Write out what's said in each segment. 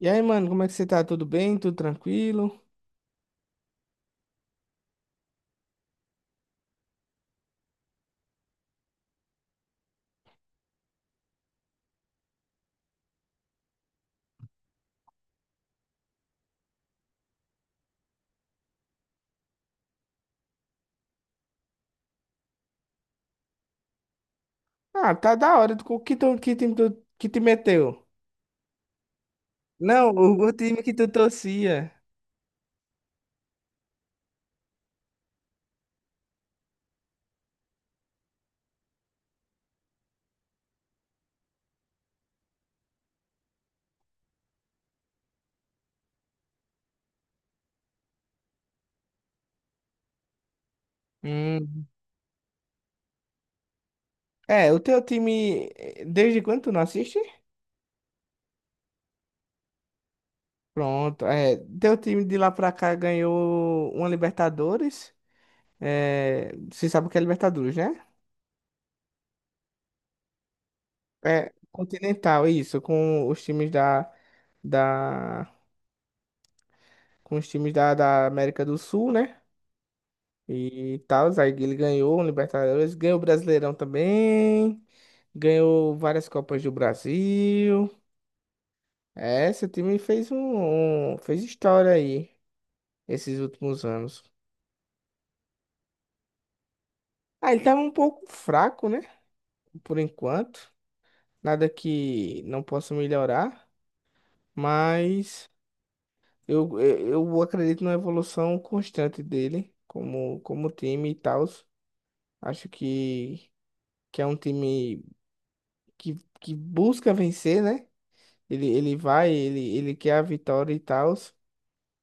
E aí, mano, como é que você tá? Tudo bem? Tudo tranquilo? Ah, tá da hora. Tu, que time tu, que te meteu? Não, o time que tu torcia. Hum. É, o teu time, desde quando tu não assiste? Pronto, é, teu time de lá pra cá ganhou uma Libertadores. É, você sabe o que é Libertadores, né? É, Continental, isso, da, com os times da, da América do Sul, né? E tal. Aí ele ganhou o Libertadores, ganhou o Brasileirão também, ganhou várias Copas do Brasil. É, seu time fez história aí esses últimos anos. Ah, ele tava um pouco fraco, né? Por enquanto. Nada que não possa melhorar, mas eu, eu, eu acredito na evolução constante dele como, como time e tal. Acho que é um time que busca vencer, né? Ele quer a vitória e tal.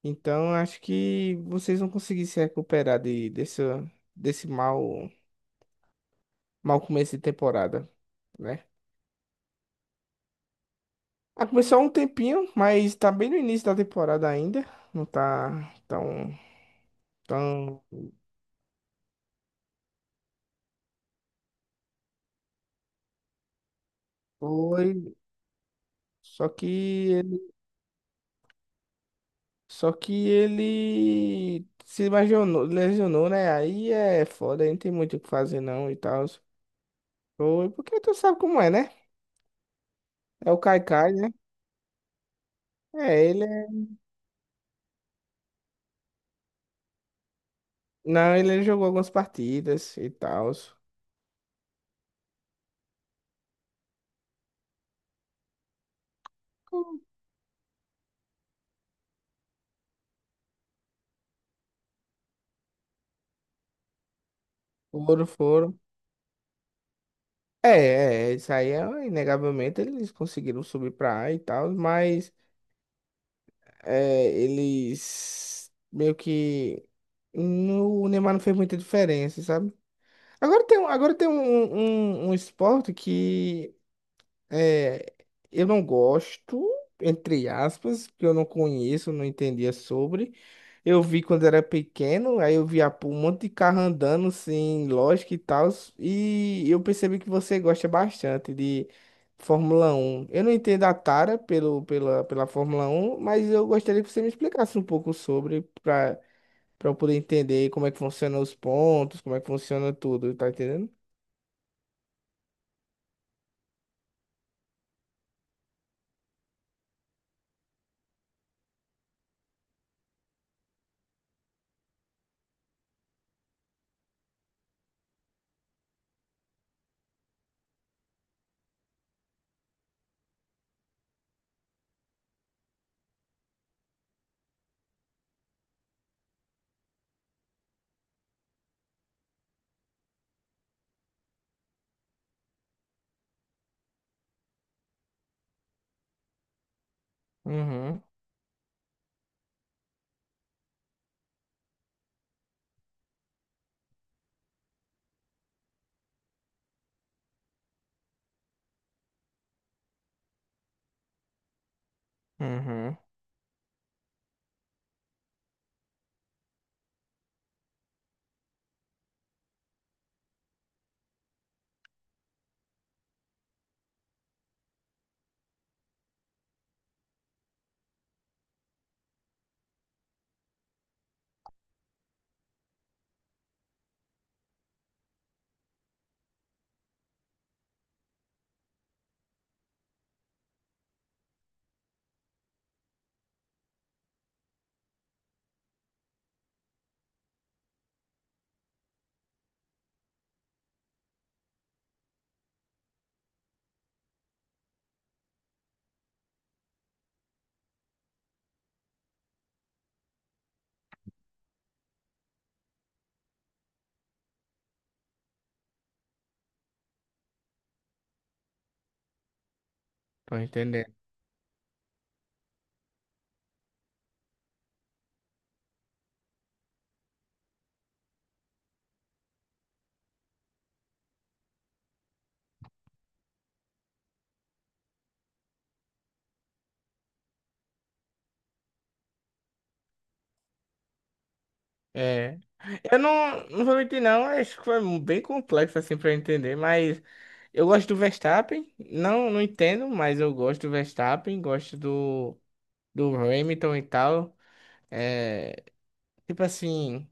Então, acho que vocês vão conseguir se recuperar desse, desse mau, mau começo de temporada, né? Ah, começou há um tempinho, mas tá bem no início da temporada ainda. Não tá tão, tão foi. Só que ele, só que ele se lesionou, lesionou, né? Aí é foda, aí não tem muito o que fazer não e tal. Foi porque tu sabe como é, né? É o Caicai, né? É, ele Não, ele jogou algumas partidas e tal. Foram, foram. É, isso aí é, inegavelmente eles conseguiram subir pra A e tal, mas é, eles meio que no, o Neymar não fez muita diferença, sabe? Agora tem um um esporte que é, eu não gosto, entre aspas, que eu não conheço, não entendia sobre. Eu vi quando era pequeno, aí eu via pô, um monte de carro andando, assim, lógico e tal, e eu percebi que você gosta bastante de Fórmula Um. Eu não entendo a tara pela Fórmula Um, mas eu gostaria que você me explicasse um pouco sobre, para eu poder entender como é que funcionam os pontos, como é que funciona tudo, tá entendendo? Uhum, uhum, tô entendendo. É, eu não, não vou mentir não, acho que foi bem complexo assim pra eu entender, mas eu gosto do Verstappen, não, não entendo, mas eu gosto do Verstappen, gosto do, do Hamilton e tal. É, tipo assim,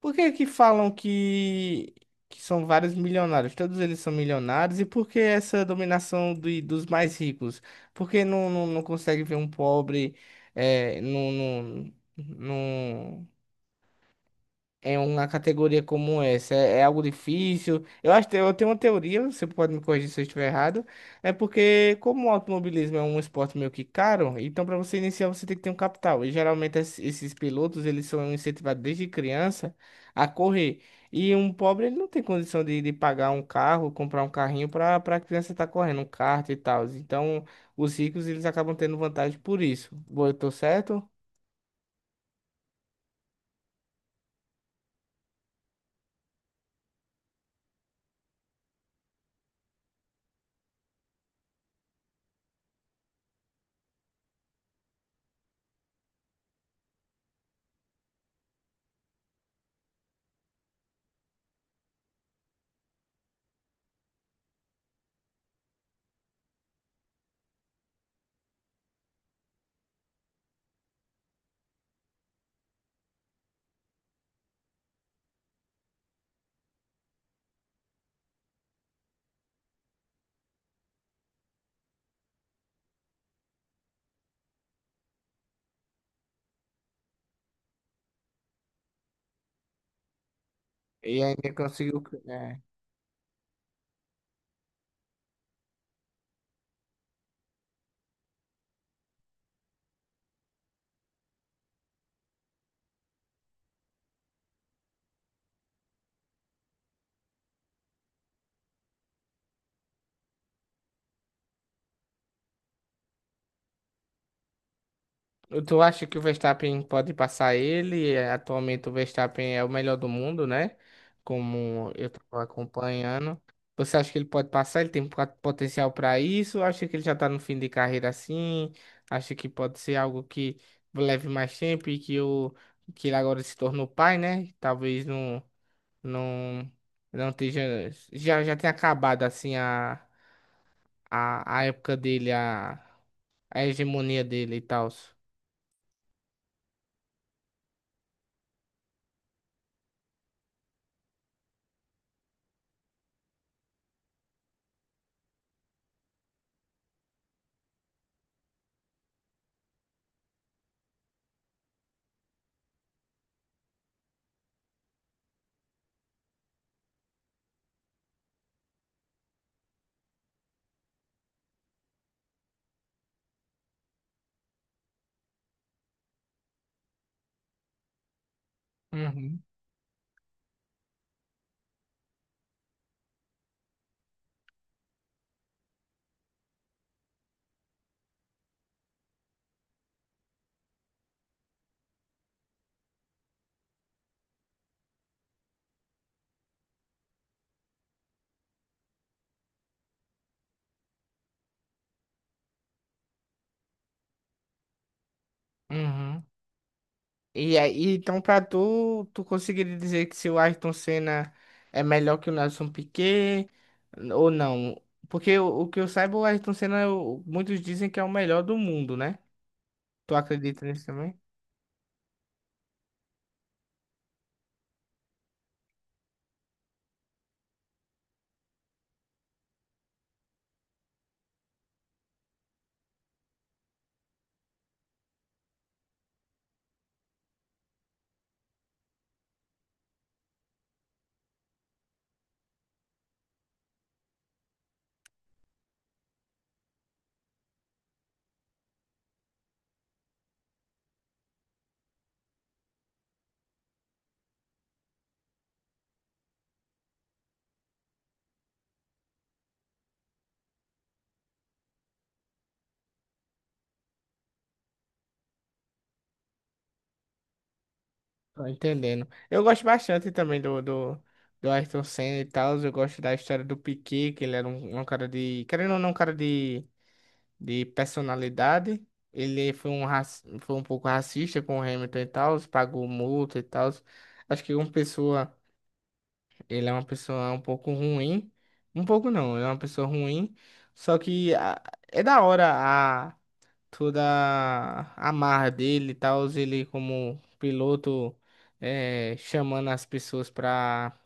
por que que falam que são vários milionários? Todos eles são milionários, e por que essa dominação do, dos mais ricos? Por que não consegue ver um pobre é, em uma categoria como essa? É, é algo difícil? Eu acho que eu tenho uma teoria, você pode me corrigir se eu estiver errado. É porque, como o automobilismo é um esporte meio que caro, então para você iniciar você tem que ter um capital. E geralmente esses pilotos, eles são incentivados desde criança a correr. E um pobre, ele não tem condição de pagar um carro, comprar um carrinho para a criança estar correndo, um kart e tal. Então, os ricos, eles acabam tendo vantagem por isso. Boa, eu tô certo? E ainda conseguiu. Tu acha que o Verstappen pode passar ele? É, atualmente o Verstappen é o melhor do mundo, né? Como eu estava acompanhando. Você acha que ele pode passar? Ele tem potencial para isso? Acha que ele já está no fim de carreira assim? Acha que pode ser algo que leve mais tempo e que ele agora se tornou pai, né? Talvez não, não esteja. Já tenha acabado assim a época dele, a hegemonia dele e tal. Uhum. Uhum. E aí, então, tu conseguiria dizer que se o Ayrton Senna é melhor que o Nelson Piquet ou não? Porque o que eu saiba, o Ayrton Senna, muitos dizem que é o melhor do mundo, né? Tu acredita nisso também? Tô entendendo. Eu gosto bastante também do Ayrton Senna e tal. Eu gosto da história do Piquet, que ele era um cara de. Querendo ou não, um cara de personalidade. Ele foi um foi um pouco racista com o Hamilton e tal, pagou multa e tal. Acho que uma pessoa. Ele é uma pessoa um pouco ruim. Um pouco não, ele é uma pessoa ruim. Só que a- é da hora a toda a marra dele e tal, ele como piloto é, chamando as pessoas pra,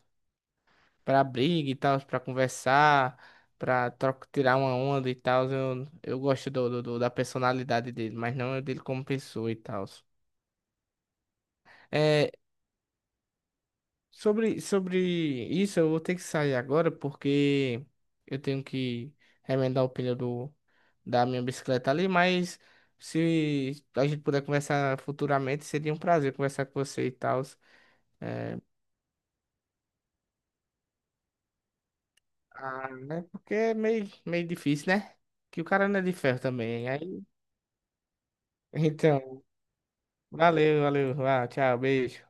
pra briga e tal, pra conversar, pra troca, tirar uma onda e tal. Eu gosto do, da personalidade dele, mas não é dele como pessoa e tal. É, sobre, sobre isso, eu vou ter que sair agora porque eu tenho que remendar o pneu do, da minha bicicleta ali, mas se a gente puder conversar futuramente, seria um prazer conversar com você e tal. É, ah, né? Porque é meio, meio difícil, né? Que o cara não é de ferro também. Aí, então, valeu, valeu. Ah, tchau, beijo.